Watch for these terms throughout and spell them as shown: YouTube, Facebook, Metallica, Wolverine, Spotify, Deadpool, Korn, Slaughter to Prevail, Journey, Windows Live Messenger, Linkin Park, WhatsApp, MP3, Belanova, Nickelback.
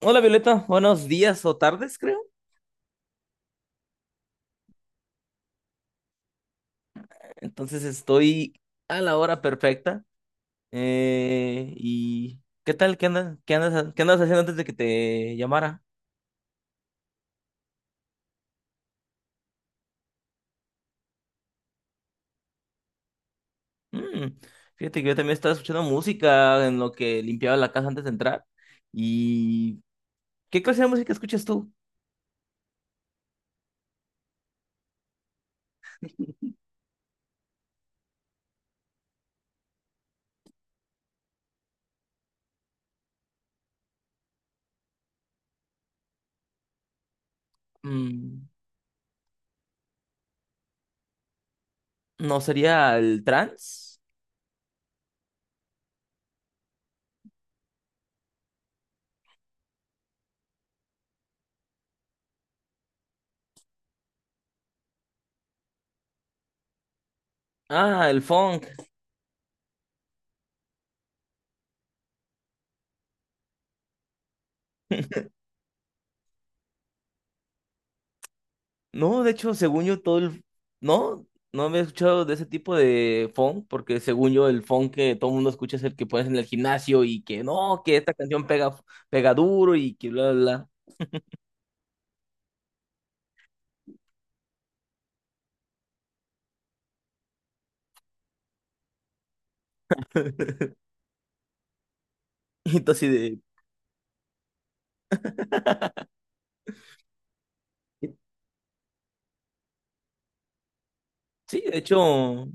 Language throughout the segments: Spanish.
Hola Violeta, buenos días o tardes, creo. Entonces estoy a la hora perfecta. ¿Y qué tal? ¿Qué andas haciendo antes de que te llamara? Mm, Fíjate que yo también estaba escuchando música en lo que limpiaba la casa antes de entrar. ¿Y qué clase de música escuchas tú? Mm, ¿No sería el trance? Ah, el funk. No, de hecho, según yo, no, no había escuchado de ese tipo de funk, porque según yo, el funk que todo el mundo escucha es el que pones en el gimnasio y que no, que esta canción pega, pega duro y que bla, bla, bla. Y entonces, de... sí, de hecho,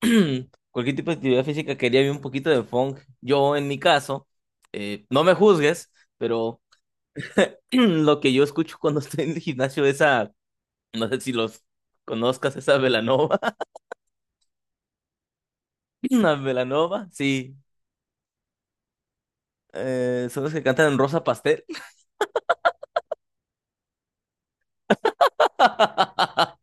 cualquier tipo de actividad física quería ver un poquito de funk. Yo, en mi caso, no me juzgues, pero lo que yo escucho cuando estoy en el gimnasio No sé si los conozcas, esa Belanova. Una Belanova, sí. Son los que cantan en Rosa Pastel.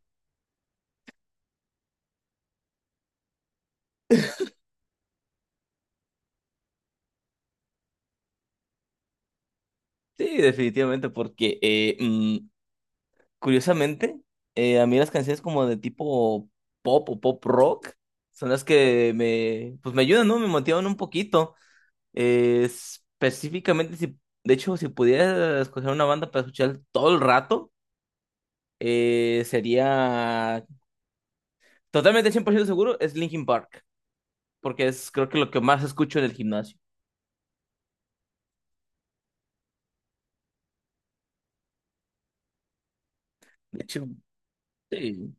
Sí, definitivamente, porque curiosamente, a mí las canciones como de tipo pop o pop rock son las que me, pues me ayudan, ¿no? Me motivan un poquito. Específicamente, si, de hecho, si pudiera escoger una banda para escuchar todo el rato, sería totalmente 100% seguro, es Linkin Park, porque es creo que lo que más escucho en el gimnasio. De hecho, sí.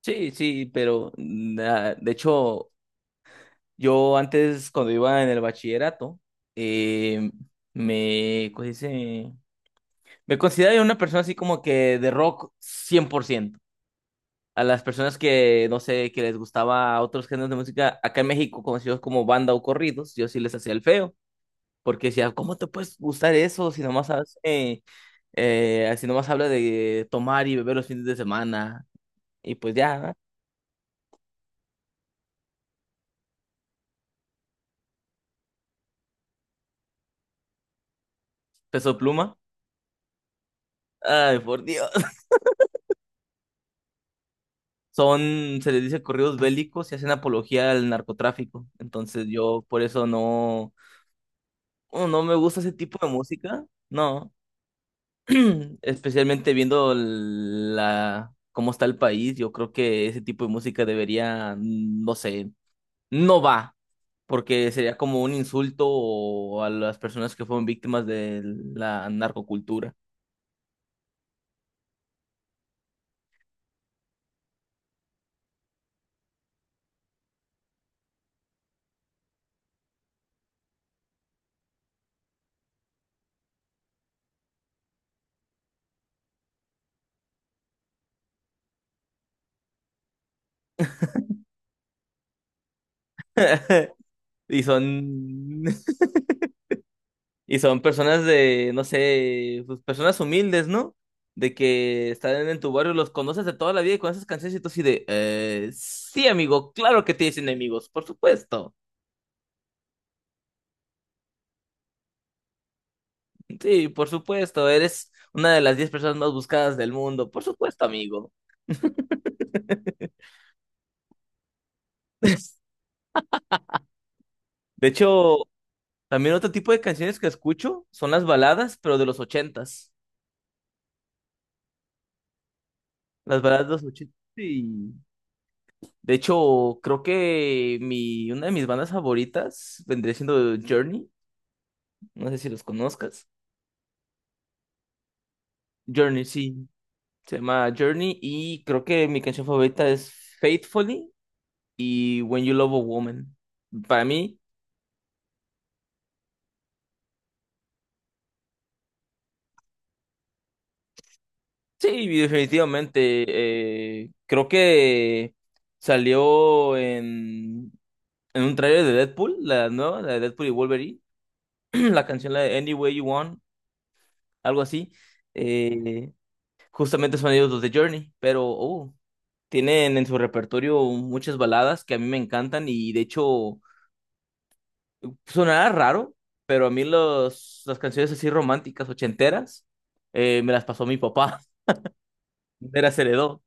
Sí, sí, pero de hecho, yo antes cuando iba en el bachillerato, eh, ¿cómo se dice? Me consideraba una persona así como que de rock 100%. A las personas que, no sé, que les gustaba otros géneros de música, acá en México conocidos como banda o corridos, yo sí les hacía el feo, porque decía, ¿cómo te puedes gustar eso si nomás, si nomás habla de tomar y beber los fines de semana? Y pues ya, ¿no? Peso pluma. Ay, por Dios. Se les dice corridos bélicos y hacen apología al narcotráfico. Entonces yo por eso oh, no me gusta ese tipo de música, no. Especialmente viendo la, cómo está el país, yo creo que ese tipo de música debería, no sé, no va, porque sería como un insulto o a las personas que fueron víctimas de la narcocultura. Y son Y son personas de, no sé, pues personas humildes, ¿no? De que están en tu barrio, los conoces de toda la vida y con esas canciones y tú así de, sí, amigo, claro que tienes enemigos, por supuesto. Sí, por supuesto, eres una de las 10 personas más buscadas del mundo, por supuesto, amigo. De hecho, también otro tipo de canciones que escucho son las baladas, pero de los ochentas. Las baladas de los ochentas. Sí. De hecho, creo que una de mis bandas favoritas vendría siendo Journey. No sé si los conozcas. Journey, sí. Se llama Journey y creo que mi canción favorita es Faithfully y When You Love a Woman. Para mí, sí, definitivamente. Creo que salió en un trailer de Deadpool, la nueva, la de Deadpool y Wolverine. La canción, la de Any Way You Want, algo así. Eh, justamente son ellos los de Journey, pero tienen en su repertorio muchas baladas que a mí me encantan y de hecho... Sonará raro, pero a mí las canciones así románticas, ochenteras, me las pasó mi papá. Me las heredó.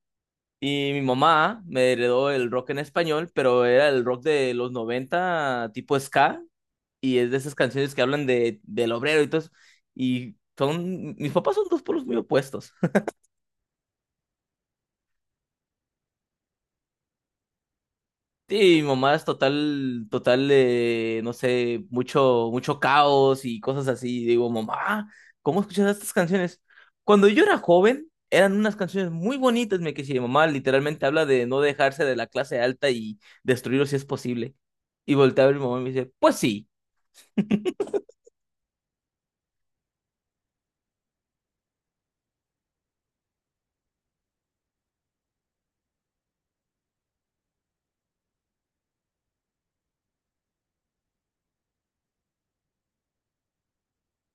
Y mi mamá me heredó el rock en español, pero era el rock de los 90 tipo ska, y es de esas canciones que hablan del obrero y todo eso. Mis papás son dos polos muy opuestos. Sí, mi mamá es total, total, no sé, mucho, mucho caos y cosas así. Y digo, mamá, ¿cómo escuchas estas canciones? Cuando yo era joven, eran unas canciones muy bonitas, me quise. Mi mamá literalmente habla de no dejarse de la clase alta y destruirlo si es posible. Y volteaba a ver mi mamá y me dice, pues sí,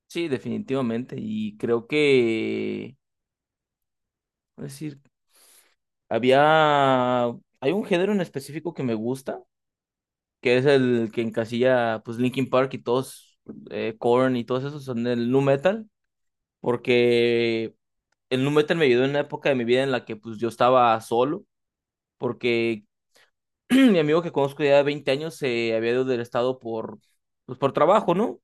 sí, definitivamente. Y creo que, es decir, había, hay un género en específico que me gusta, que es el que encasilla pues Linkin Park y todos, Korn y todos esos son del nu metal, porque el nu metal me ayudó en una época de mi vida en la que pues yo estaba solo, porque mi amigo que conozco ya de 20 años se había ido del estado por, pues, por trabajo, ¿no?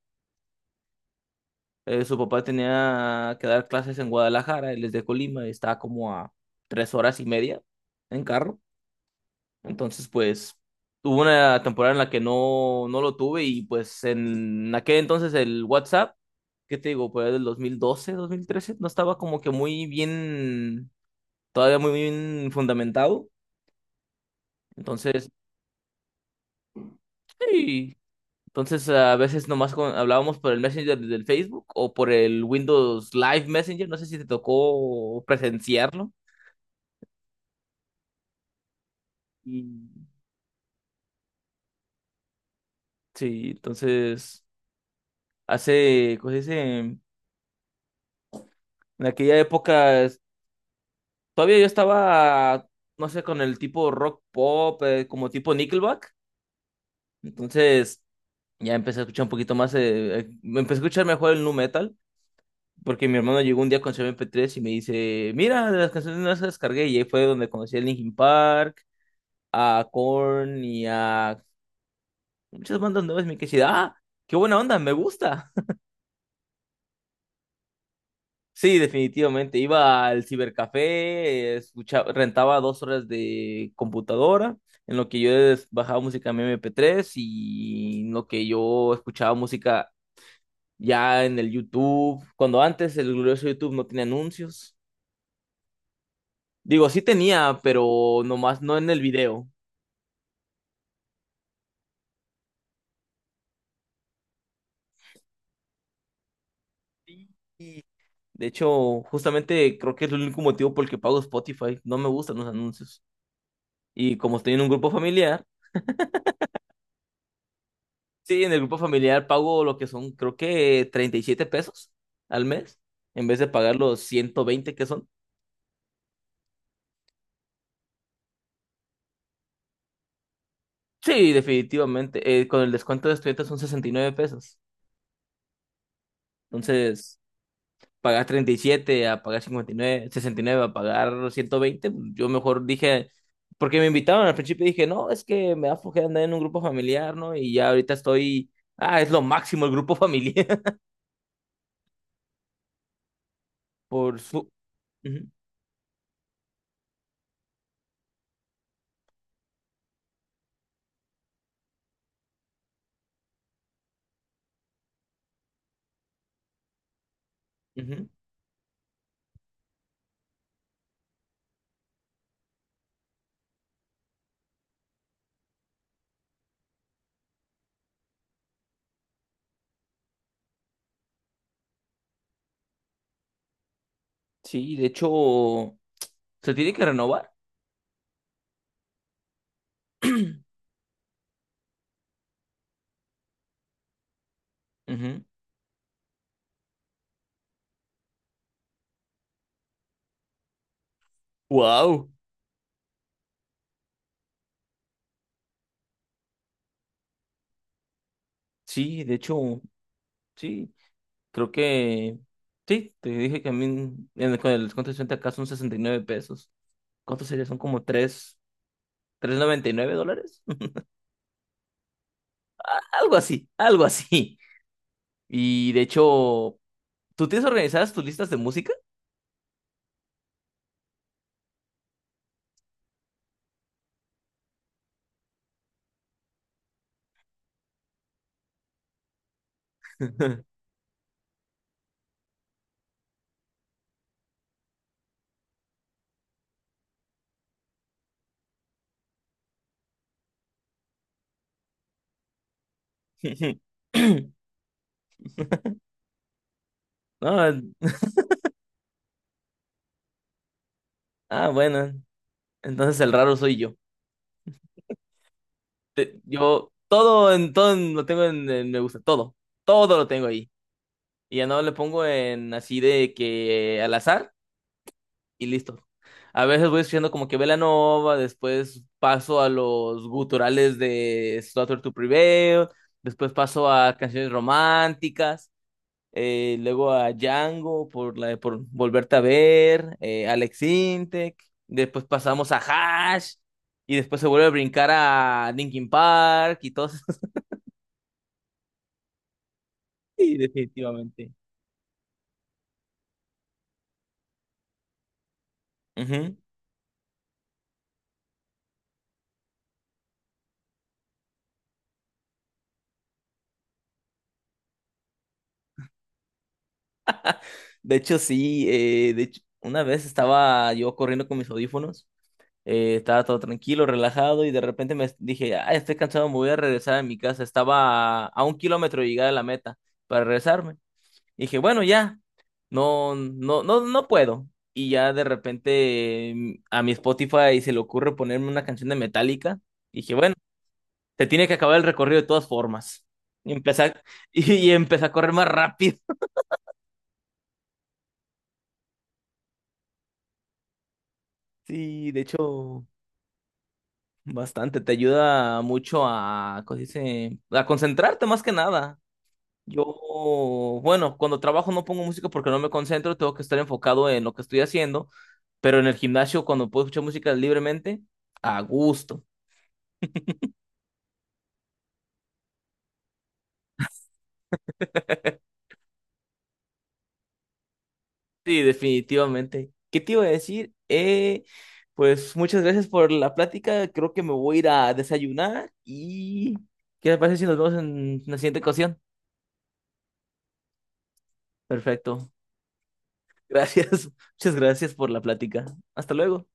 Su papá tenía que dar clases en Guadalajara, él es de Colima, y estaba como a 3 horas y media en carro. Entonces, pues, hubo una temporada en la que no, no lo tuve, y pues en aquel entonces el WhatsApp, ¿qué te digo? Por ahí del 2012, 2013, no estaba como que muy bien, todavía muy bien fundamentado. Entonces, sí. Entonces, a veces nomás hablábamos por el Messenger del Facebook o por el Windows Live Messenger, no sé si te tocó presenciarlo. Y sí, entonces, ¿cómo se dice? En aquella época todavía yo estaba, no sé, con el tipo rock pop, como tipo Nickelback. Entonces ya empecé a escuchar un poquito más, me empecé a escuchar mejor el nu metal, porque mi hermano llegó un día con su MP3 y me dice, mira, de las canciones no las descargué. Y ahí fue donde conocí a Linkin Park, a Korn y a muchas bandas nuevas. Y me quedé así de, ah, qué buena onda, me gusta. Sí, definitivamente. Iba al cibercafé, escuchaba, rentaba 2 horas de computadora, en lo que yo bajaba música en mi MP3 y en lo que yo escuchaba música ya en el YouTube. Cuando antes el glorioso YouTube no tenía anuncios. Digo, sí tenía, pero nomás no en el video. De hecho, justamente creo que es el único motivo por el que pago Spotify. No me gustan los anuncios. Y como estoy en un grupo familiar, sí, en el grupo familiar pago lo que son, creo que 37 pesos al mes, en vez de pagar los 120 que son. Sí, definitivamente. Con el descuento de estudiantes son 69 pesos. Entonces, pagar 37 a pagar 59, 69, a pagar 120, yo mejor dije, porque me invitaban al principio y dije, no, es que me da flojera andar en un grupo familiar, ¿no? Y ya ahorita estoy, ah, es lo máximo el grupo familiar. Por su... Ujú, ujú. Sí, de hecho, se tiene que renovar. Wow. Sí, de hecho, sí, creo que sí, te dije que a mí en el, con el descuento de 60 acá son 69 pesos. ¿Cuánto sería? Son como tres noventa y nueve dólares. Algo así, algo así. Y de hecho, ¿tú tienes organizadas tus listas de música? No, ah, bueno. Entonces el raro soy yo. Yo todo en lo tengo en me gusta, todo. Todo lo tengo ahí. Y ya no le pongo en así de que al azar y listo. A veces voy escuchando como que Belanova, después paso a los guturales de Slaughter to Prevail, después paso a canciones románticas, luego a Django por la de por Volverte a Ver, Alex Intec, después pasamos a Hash, y después se vuelve a brincar a Linkin Park y todo eso. Sí, definitivamente. Ujú. De hecho, sí, de hecho, una vez estaba yo corriendo con mis audífonos, estaba todo tranquilo, relajado, y de repente me dije, ah, estoy cansado, me voy a regresar a mi casa. Estaba a un kilómetro de llegar a la meta para regresarme. Y dije, bueno, ya, no, no, no, no puedo. Y ya de repente a mi Spotify se le ocurre ponerme una canción de Metallica. Y dije, bueno, se tiene que acabar el recorrido de todas formas. Y empecé y empecé a correr más rápido. Sí, de hecho. Bastante, te ayuda mucho a, ¿cómo se dice? A concentrarte más que nada. Yo, bueno, cuando trabajo no pongo música porque no me concentro, tengo que estar enfocado en lo que estoy haciendo, pero en el gimnasio cuando puedo escuchar música libremente, a gusto. Sí, definitivamente. ¿Qué te iba a decir? Pues muchas gracias por la plática, creo que me voy a ir a desayunar y ¿qué te parece si nos vemos en la siguiente ocasión? Perfecto. Gracias, muchas gracias por la plática. Hasta luego.